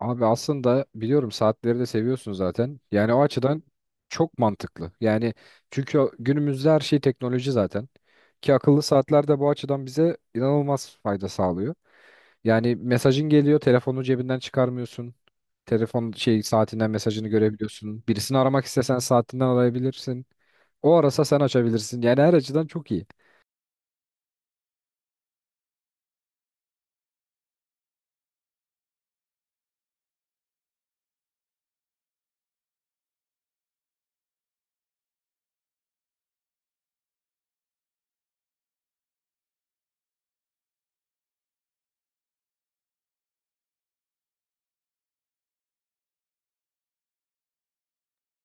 Abi aslında biliyorum saatleri de seviyorsun zaten. Yani o açıdan çok mantıklı. Yani çünkü günümüzde her şey teknoloji zaten. Ki akıllı saatler de bu açıdan bize inanılmaz fayda sağlıyor. Yani mesajın geliyor, telefonu cebinden çıkarmıyorsun. Telefon şey saatinden mesajını görebiliyorsun. Birisini aramak istesen saatinden arayabilirsin. O arasa sen açabilirsin. Yani her açıdan çok iyi.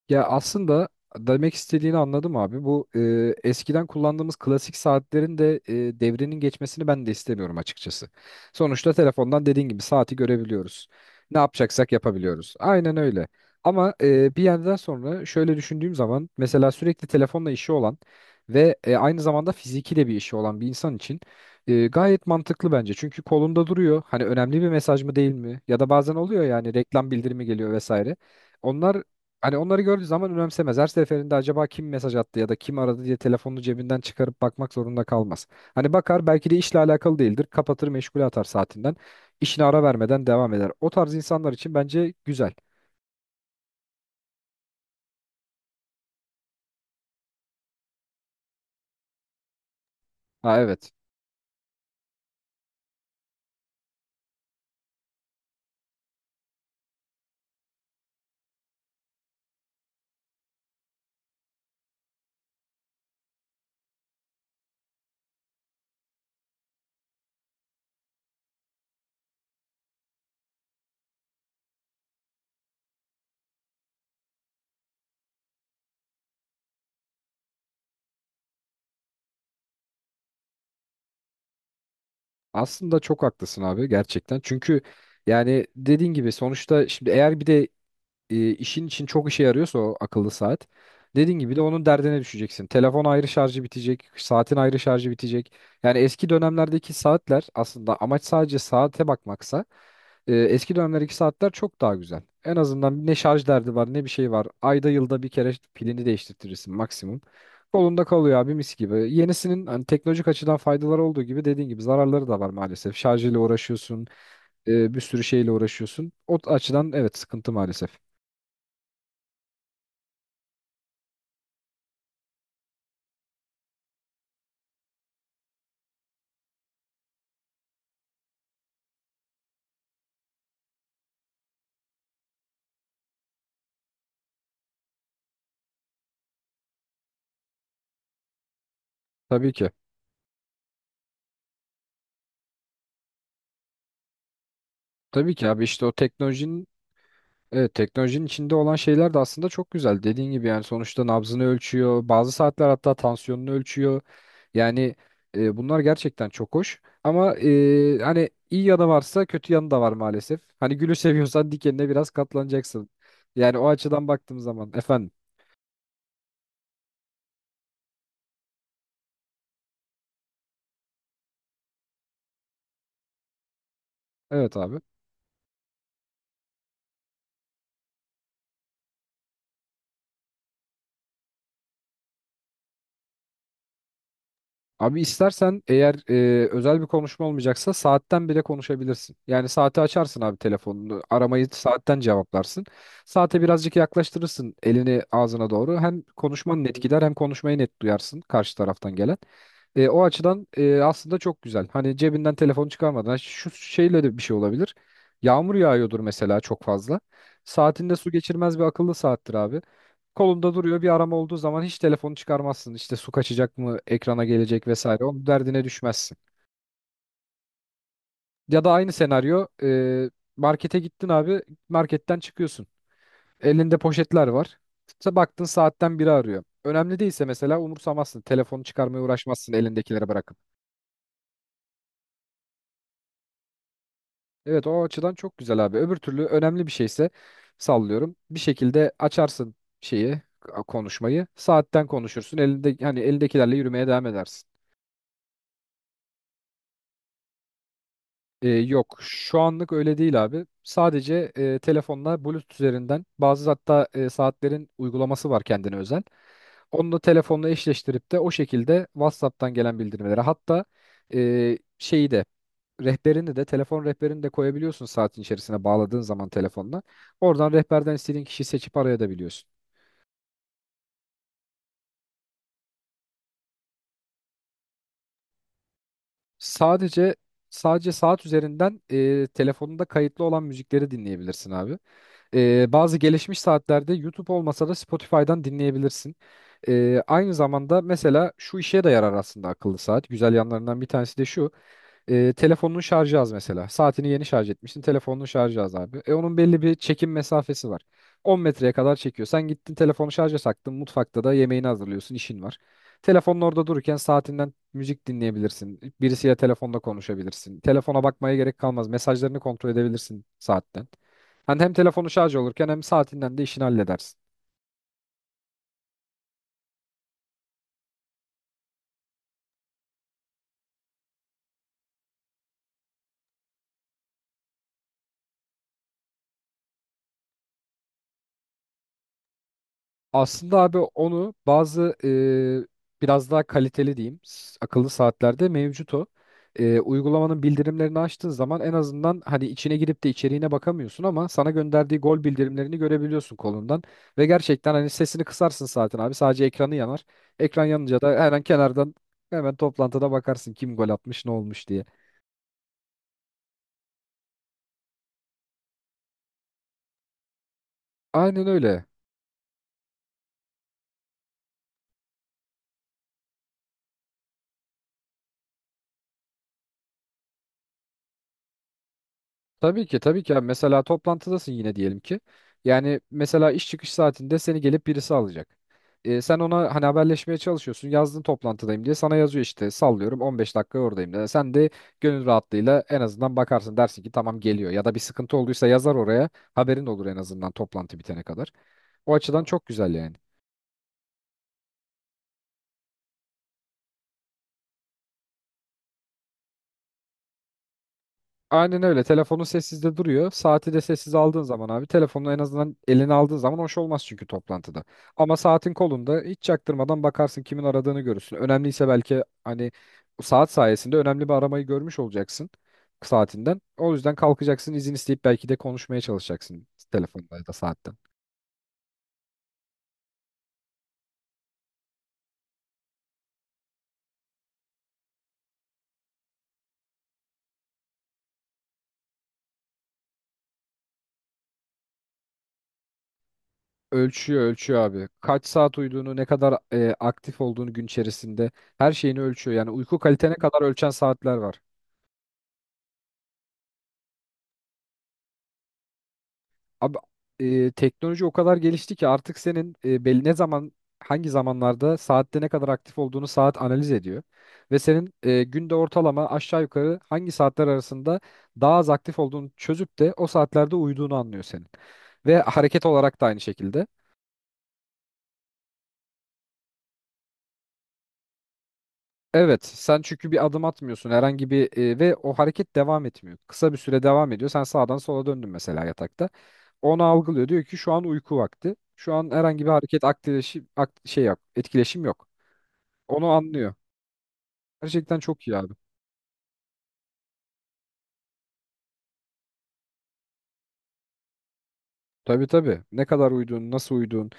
Ya aslında demek istediğini anladım abi. Bu eskiden kullandığımız klasik saatlerin de devrinin geçmesini ben de istemiyorum açıkçası. Sonuçta telefondan dediğin gibi saati görebiliyoruz. Ne yapacaksak yapabiliyoruz. Aynen öyle. Ama bir yerden sonra şöyle düşündüğüm zaman mesela sürekli telefonla işi olan ve aynı zamanda fiziki de bir işi olan bir insan için gayet mantıklı bence. Çünkü kolunda duruyor. Hani önemli bir mesaj mı değil mi? Ya da bazen oluyor yani reklam bildirimi geliyor vesaire. Onlar Hani onları gördüğü zaman önemsemez. Her seferinde acaba kim mesaj attı ya da kim aradı diye telefonunu cebinden çıkarıp bakmak zorunda kalmaz. Hani bakar belki de işle alakalı değildir. Kapatır meşgule atar saatinden. İşine ara vermeden devam eder. O tarz insanlar için bence güzel. Ha, evet. Aslında çok haklısın abi gerçekten. Çünkü yani dediğin gibi sonuçta şimdi eğer bir de işin için çok işe yarıyorsa o akıllı saat. Dediğin gibi de onun derdine düşeceksin. Telefon ayrı şarjı bitecek, saatin ayrı şarjı bitecek. Yani eski dönemlerdeki saatler aslında amaç sadece saate bakmaksa eski dönemlerdeki saatler çok daha güzel. En azından ne şarj derdi var ne bir şey var. Ayda yılda bir kere pilini değiştirtirsin maksimum. Kolunda kalıyor abi, mis gibi. Yenisinin hani teknolojik açıdan faydaları olduğu gibi dediğin gibi zararları da var maalesef. Şarjıyla uğraşıyorsun, bir sürü şeyle uğraşıyorsun. O açıdan evet, sıkıntı maalesef. Tabii ki. Tabii ki abi, işte o teknolojinin evet, teknolojinin içinde olan şeyler de aslında çok güzel. Dediğin gibi yani sonuçta nabzını ölçüyor. Bazı saatler hatta tansiyonunu ölçüyor. Yani bunlar gerçekten çok hoş. Ama hani iyi yanı varsa kötü yanı da var maalesef. Hani gülü seviyorsan dikenine biraz katlanacaksın. Yani o açıdan baktığım zaman efendim. Evet abi. Abi istersen eğer özel bir konuşma olmayacaksa saatten bile konuşabilirsin. Yani saati açarsın abi, telefonunu. Aramayı saatten cevaplarsın. Saate birazcık yaklaştırırsın elini ağzına doğru. Hem konuşman net gider hem konuşmayı net duyarsın karşı taraftan gelen. O açıdan aslında çok güzel. Hani cebinden telefonu çıkarmadan. Ha, şu şeyle de bir şey olabilir. Yağmur yağıyordur mesela çok fazla. Saatinde su geçirmez bir akıllı saattir abi, kolunda duruyor. Bir arama olduğu zaman hiç telefonu çıkarmazsın. İşte su kaçacak mı, ekrana gelecek vesaire. Onun derdine düşmezsin. Ya da aynı senaryo, markete gittin abi, marketten çıkıyorsun. Elinde poşetler var. Baktın saatten biri arıyor. Önemli değilse mesela umursamazsın. Telefonu çıkarmaya uğraşmazsın elindekileri bırakıp. Evet, o açıdan çok güzel abi. Öbür türlü önemli bir şeyse sallıyorum, bir şekilde açarsın şeyi, konuşmayı. Saatten konuşursun. Elinde hani elindekilerle yürümeye devam edersin. Yok şu anlık öyle değil abi. Sadece telefonla Bluetooth üzerinden bazı, hatta saatlerin uygulaması var kendine özel. Onu da telefonla eşleştirip de o şekilde WhatsApp'tan gelen bildirimleri, hatta şeyi de, rehberini de, telefon rehberini de koyabiliyorsun saatin içerisine bağladığın zaman telefonla. Oradan rehberden istediğin kişiyi seçip arayabiliyorsun. Sadece sadece saat üzerinden telefonunda kayıtlı olan müzikleri dinleyebilirsin abi. Bazı gelişmiş saatlerde YouTube olmasa da Spotify'dan dinleyebilirsin. Aynı zamanda mesela şu işe de yarar aslında akıllı saat. Güzel yanlarından bir tanesi de şu: telefonun şarjı az mesela. Saatini yeni şarj etmişsin. Telefonun şarjı az abi. Onun belli bir çekim mesafesi var. 10 metreye kadar çekiyor. Sen gittin telefonu şarja taktın. Mutfakta da yemeğini hazırlıyorsun, işin var. Telefonun orada dururken saatinden müzik dinleyebilirsin. Birisiyle telefonda konuşabilirsin. Telefona bakmaya gerek kalmaz. Mesajlarını kontrol edebilirsin saatten. Hani hem telefonu şarj olurken hem saatinden de işini halledersin. Aslında abi onu bazı, biraz daha kaliteli diyeyim, akıllı saatlerde mevcut o. Uygulamanın bildirimlerini açtığın zaman en azından hani içine girip de içeriğine bakamıyorsun ama sana gönderdiği gol bildirimlerini görebiliyorsun kolundan. Ve gerçekten hani sesini kısarsın zaten abi, sadece ekranı yanar. Ekran yanınca da hemen kenardan, hemen toplantıda bakarsın kim gol atmış ne olmuş diye. Aynen öyle. Tabii ki, tabii ki abi. Mesela toplantıdasın yine diyelim ki. Yani mesela iş çıkış saatinde seni gelip birisi alacak. Sen ona hani haberleşmeye çalışıyorsun. Yazdın toplantıdayım diye, sana yazıyor işte sallıyorum 15 dakika oradayım diye. Sen de gönül rahatlığıyla en azından bakarsın, dersin ki tamam geliyor. Ya da bir sıkıntı olduysa yazar oraya, haberin olur en azından toplantı bitene kadar. O açıdan çok güzel yani. Aynen öyle. Telefonun sessizde duruyor. Saati de sessiz aldığın zaman abi, telefonu en azından eline aldığın zaman hoş olmaz çünkü toplantıda. Ama saatin kolunda hiç çaktırmadan bakarsın, kimin aradığını görürsün. Önemliyse belki hani saat sayesinde önemli bir aramayı görmüş olacaksın saatinden. O yüzden kalkacaksın izin isteyip belki de konuşmaya çalışacaksın telefonda ya da saatten. Ölçüyor ölçüyor abi. Kaç saat uyuduğunu, ne kadar aktif olduğunu gün içerisinde, her şeyini ölçüyor. Yani uyku kalitene kadar ölçen saatler var. Abi teknoloji o kadar gelişti ki artık senin belli ne zaman, hangi zamanlarda saatte ne kadar aktif olduğunu saat analiz ediyor. Ve senin günde ortalama aşağı yukarı hangi saatler arasında daha az aktif olduğunu çözüp de o saatlerde uyuduğunu anlıyor senin. Ve hareket olarak da aynı şekilde. Evet, sen çünkü bir adım atmıyorsun herhangi bir, ve o hareket devam etmiyor. Kısa bir süre devam ediyor. Sen sağdan sola döndün mesela yatakta, onu algılıyor. Diyor ki şu an uyku vakti. Şu an herhangi bir hareket, aktileşim, ak- şey yap, etkileşim yok. Onu anlıyor. Gerçekten çok iyi abi. Tabii tabii. Ne kadar uyuduğun, nasıl uyuduğun.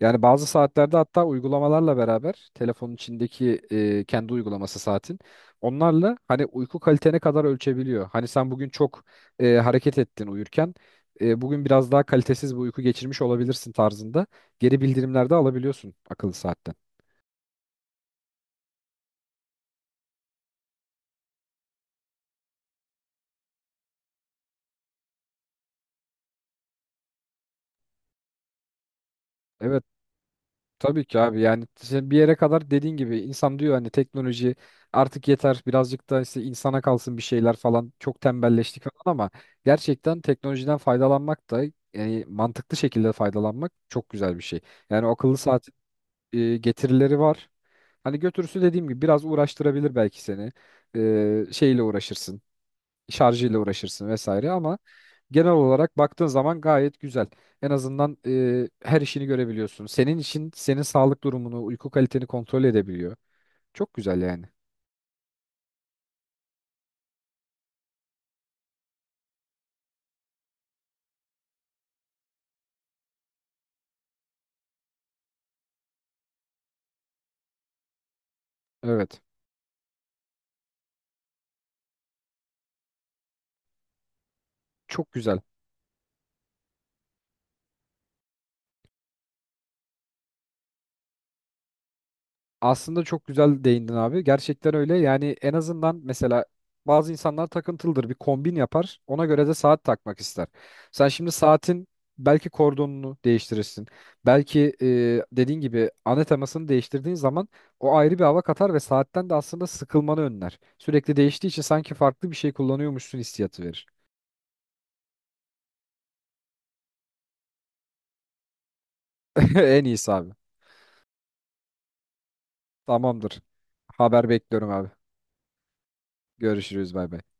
Yani bazı saatlerde hatta uygulamalarla beraber telefonun içindeki kendi uygulaması, saatin onlarla hani uyku kalitene kadar ölçebiliyor. Hani sen bugün çok hareket ettin uyurken, bugün biraz daha kalitesiz bir uyku geçirmiş olabilirsin tarzında geri bildirimlerde alabiliyorsun akıllı saatten. Evet. Tabii ki abi, yani işte bir yere kadar dediğin gibi insan diyor hani teknoloji artık yeter, birazcık da işte insana kalsın bir şeyler falan, çok tembelleştik falan, ama gerçekten teknolojiden faydalanmak da, yani mantıklı şekilde faydalanmak çok güzel bir şey. Yani o akıllı saat getirileri var. Hani götürüsü dediğim gibi biraz uğraştırabilir belki seni. Şeyle uğraşırsın, şarjıyla uğraşırsın vesaire ama genel olarak baktığın zaman gayet güzel. En azından her işini görebiliyorsun. Senin için senin sağlık durumunu, uyku kaliteni kontrol edebiliyor. Çok güzel yani. Evet. Çok güzel. Aslında çok güzel değindin abi. Gerçekten öyle. Yani en azından mesela bazı insanlar takıntılıdır. Bir kombin yapar, ona göre de saat takmak ister. Sen şimdi saatin belki kordonunu değiştirirsin. Belki dediğin gibi ana temasını değiştirdiğin zaman o ayrı bir hava katar ve saatten de aslında sıkılmanı önler. Sürekli değiştiği için sanki farklı bir şey kullanıyormuşsun hissiyatı verir. En iyisi abi. Tamamdır. Haber bekliyorum abi. Görüşürüz, bay bay.